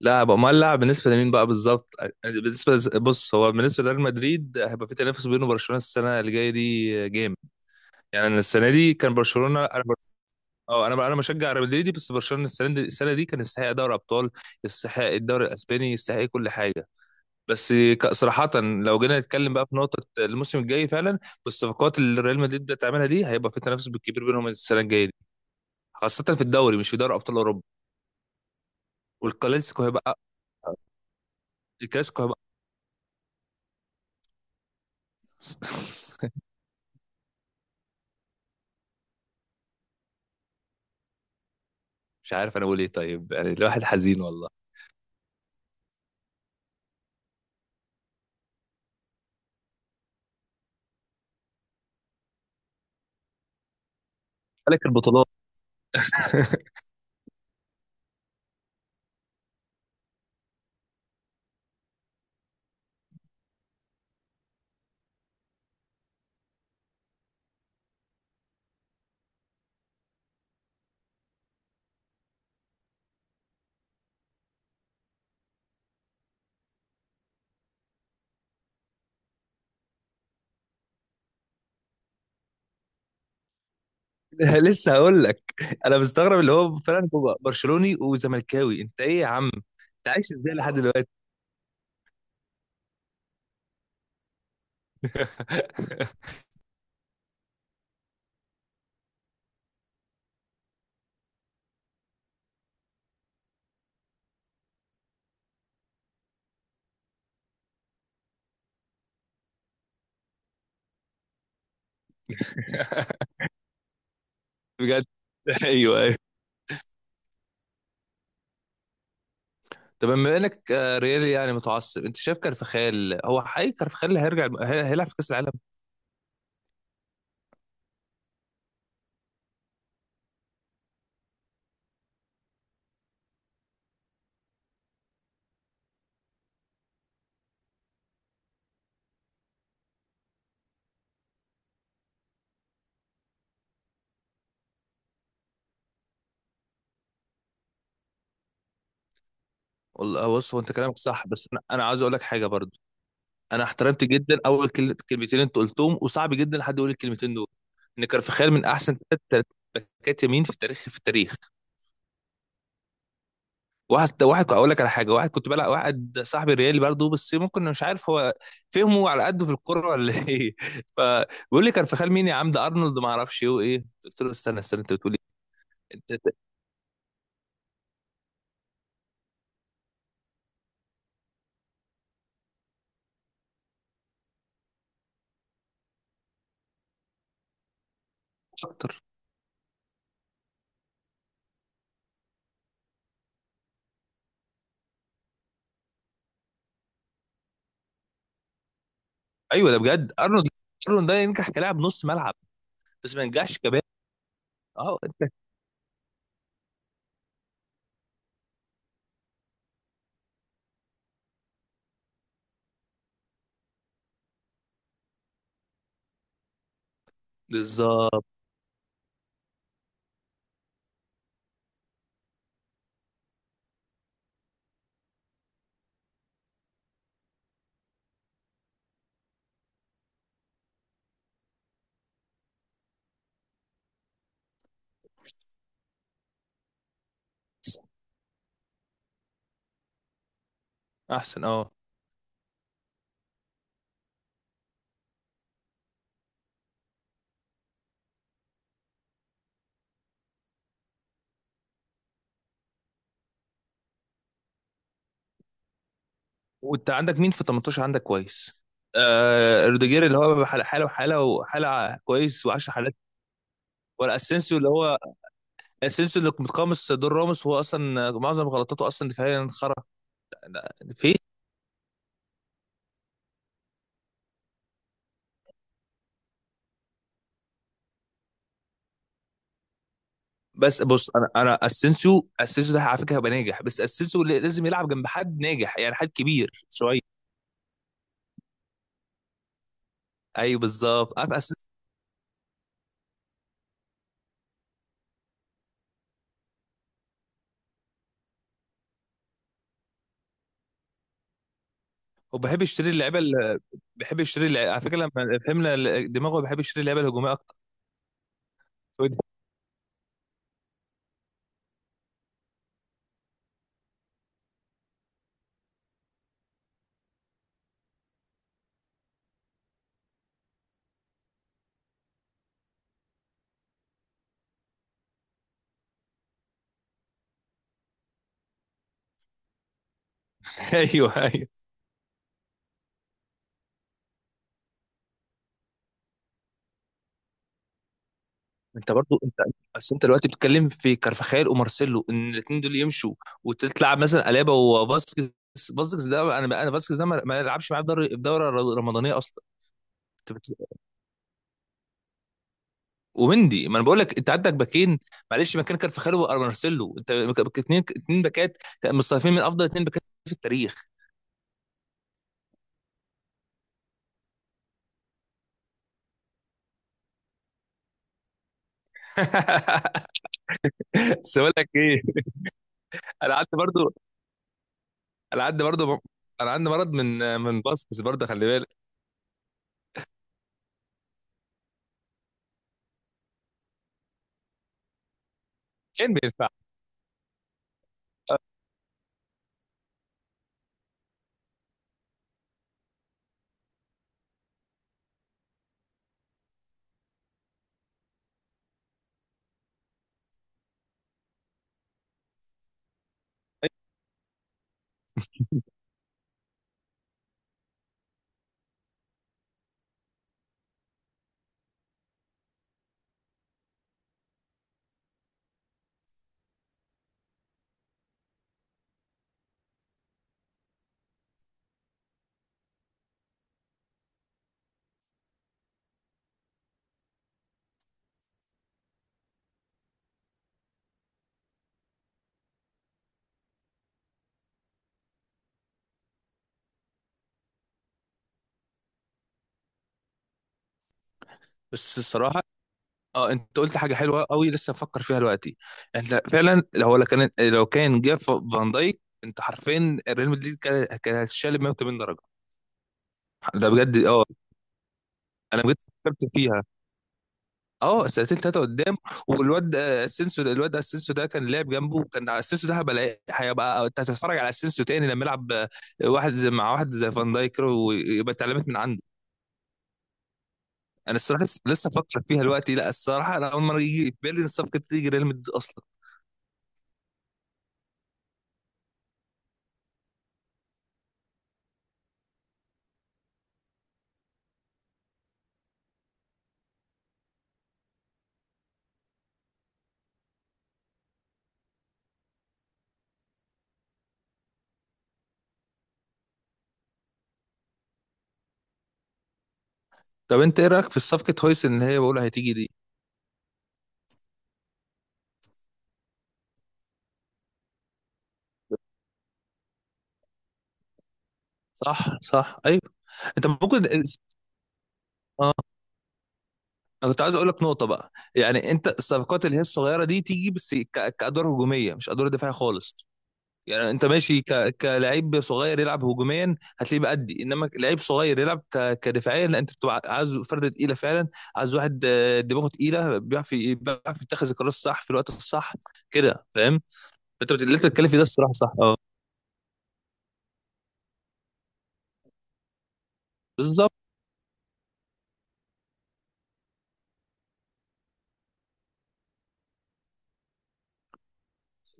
لاعب امال لاعب بالنسبه لمين بقى بالظبط؟ بص، هو بالنسبه لريال مدريد هيبقى في تنافس بينه وبرشلونه السنه اللي جايه دي جامد. يعني انا السنه دي كان برشلونه اه، انا بشجع ريال مدريد، بس برشلونه السنه دي السنه دي كان يستحق دوري ابطال، يستحق الدوري الاسباني، يستحق كل حاجه. صراحه، لو جينا نتكلم بقى في نقطه الموسم الجاي فعلا، بالصفقات اللي ريال مدريد بتعملها دي هيبقى في تنافس بالكبير بينهم السنه الجايه دي، خاصه في الدوري مش في دوري ابطال اوروبا. والكلاسيكو هيبقى الكلاسيكو هيبقى مش عارف انا اقول ايه، طيب يعني الواحد حزين والله. ملك البطولات. لسه هقول لك، انا مستغرب اللي هو فعلا هو برشلوني وزملكاوي، انت ايه يا عم؟ انت عايش ازاي لحد دلوقتي؟ بجد. ايوه، ايوه. طب بما انك ريالي يعني متعصب، انت شايف كارفخال؟ هو حقيقي كارفخال اللي هيرجع هيلعب في كاس العالم؟ والله بص، هو انت كلامك صح، بس انا عاوز اقول لك حاجه برضو. انا احترمت جدا اول كلمتين انت قلتهم، وصعب جدا حد يقول الكلمتين دول، ان كارفخال من احسن ثلاث باكات يمين في التاريخ في التاريخ. واحد واحد اقول لك على حاجه، واحد كنت بلعب، واحد صاحبي ريالي برضه، بس ممكن مش عارف هو فهمه على قده في الكوره ولا ايه. فبيقول لي كارفخال مين يا عم ده؟ ارنولد ما اعرفش ايه وايه. قلت له استنى استنى، انت بتقول ايه؟ انت شاطر. ايوه ده بجد ارنولد. ارنولد ده ينجح كلاعب نص ملعب، بس ما ينجحش كباب. اه انت. بالظبط. احسن اه. وانت عندك مين في 18؟ عندك كويس، آه روديجير اللي هو حاله حاله وحاله وحاله كويس و10 حالات، ولا اسينسيو اللي هو سينسو اللي متقمص دور راموس، هو اصلا معظم غلطاته اصلا دفاعيا خرا فيه. بس بص، انا اسينسيو ده على فكره هيبقى ناجح، بس اسينسيو لازم يلعب جنب حد ناجح، يعني حد كبير شويه. ايوه بالظبط، عارف اسينسيو. هو بيحب يشتري اللعيبه اللي بيحب يشتري اللعيبة. على فكره لما فهمنا دماغه، بيحب يشتري اللعيبه الهجوميه اكتر. ايوه، ايوه. انت برضو، بس انت دلوقتي بتتكلم في كارفاخال ومارسيلو ان الاثنين دول يمشوا، وتطلع مثلا الابا وفاسكيز. فاسكيز ده انا فاسكيز ده ما يلعبش معايا في في الدوره الرمضانيه اصلا. انت بت... ومندي، ما انا بقول لك انت عندك باكين، معلش مكان كارفاخال ومارسيلو. انت اثنين باكات مصنفين من افضل اثنين باكات في التاريخ. بس بقول لك ايه. انا عندي برضو انا عندي برضو انا عندي مرض من باسكس برضه، خلي بالك. كان بينفع. بس الصراحه اه، انت قلت حاجه حلوه قوي لسه بفكر فيها دلوقتي. انت فعلا لو لو كان جاب فان دايك، انت حرفيا ريال مدريد كان هيتشال 180 درجه. ده بجد اه. انا بجد فكرت فيها، اه سنتين ثلاثه قدام. والواد اسينسيو، الواد اسينسيو ده كان لعب جنبه، كان اسينسيو ده هيبقى، انت هتتفرج على اسينسيو تاني لما يلعب واحد زي مع واحد زي فان دايك كده، ويبقى اتعلمت من عنده. انا الصراحه لسه بفكر فيها دلوقتي، لا الصراحه انا اول مره يجي في بالي ان الصفقه تيجي ريال مدريد اصلا. طب انت ايه رايك في صفقه هويس اللي هي بقول هتيجي دي؟ صح، صح، ايوه. انت ممكن اه. انا كنت عايز اقول لك نقطه بقى، يعني انت الصفقات اللي هي الصغيره دي تيجي بس كادوار هجوميه مش ادوار دفاعيه خالص. يعني انت ماشي كلاعب صغير يلعب هجوميا هتلاقيه بأدي، انما لعيب صغير يلعب كدفاعيا لا، انت بتبقى عايز فرده تقيله فعلا، عايز واحد دماغه تقيله بيعرف بيعرف يتخذ القرار الصح في الوقت الصح، كده فاهم. اللي انت بتتكلم فيه ده الصراحه صح اه. بالظبط.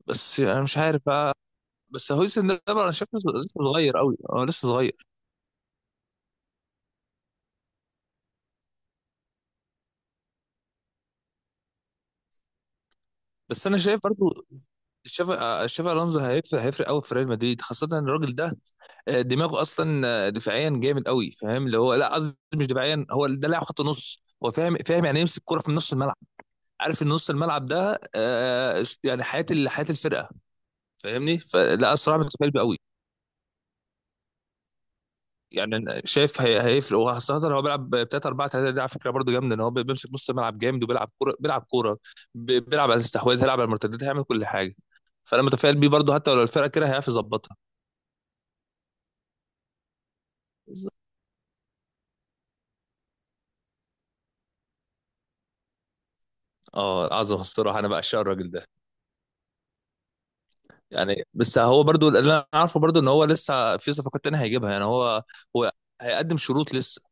بس انا مش عارف، بس هويسن ده بقى انا شايفه لسه صغير قوي، اه لسه صغير. بس انا شايف برضو. شاف الونزو هيفرق قوي في ريال مدريد، خاصه ان الراجل ده دماغه اصلا دفاعيا جامد قوي، فاهم اللي هو، لا قصدي مش دفاعيا، هو ده لاعب خط نص، هو فاهم، فاهم يعني إيه يمسك الكره في نص الملعب، عارف ان نص الملعب ده يعني حياه حياه الفرقه، فاهمني. فلا الصراحه متفائل بيه قوي. يعني أنا شايف هيفرق، وخاصة هو بيلعب 3 4 3 دي، على فكرة برضه جامدة ان هو بيمسك نص الملعب جامد، وبيلعب كورة، بيلعب كورة، بيلعب على الاستحواذ، هيلعب على المرتدات، هيعمل كل حاجة. فأنا متفائل بيه برضه، حتى لو الفرقة كده هيعرف يظبطها. اه عظمة الصراحة، انا بعشق الراجل ده. يعني بس هو برضه اللي انا عارفه برضه ان هو لسه في صفقات تانية هيجيبها، يعني هو هيقدم شروط لسه.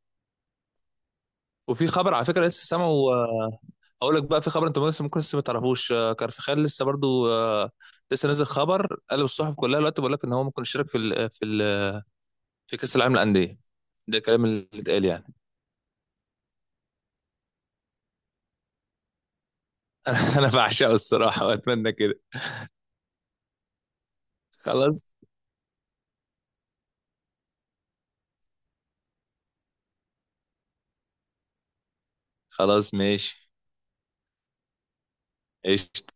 وفي خبر على فكرة لسه سامعه اقول لك بقى. في خبر انت لسه ممكن لسه ما تعرفوش كارفخال لسه برضو لسه نازل خبر قلب الصحف كلها دلوقتي، بيقول لك ان هو ممكن يشارك في ال آه، في ال آه، في كاس العالم للانديه. ده الكلام اللي اتقال يعني. انا بعشقه الصراحه واتمنى كده. خلاص. خلاص ماشي. ايش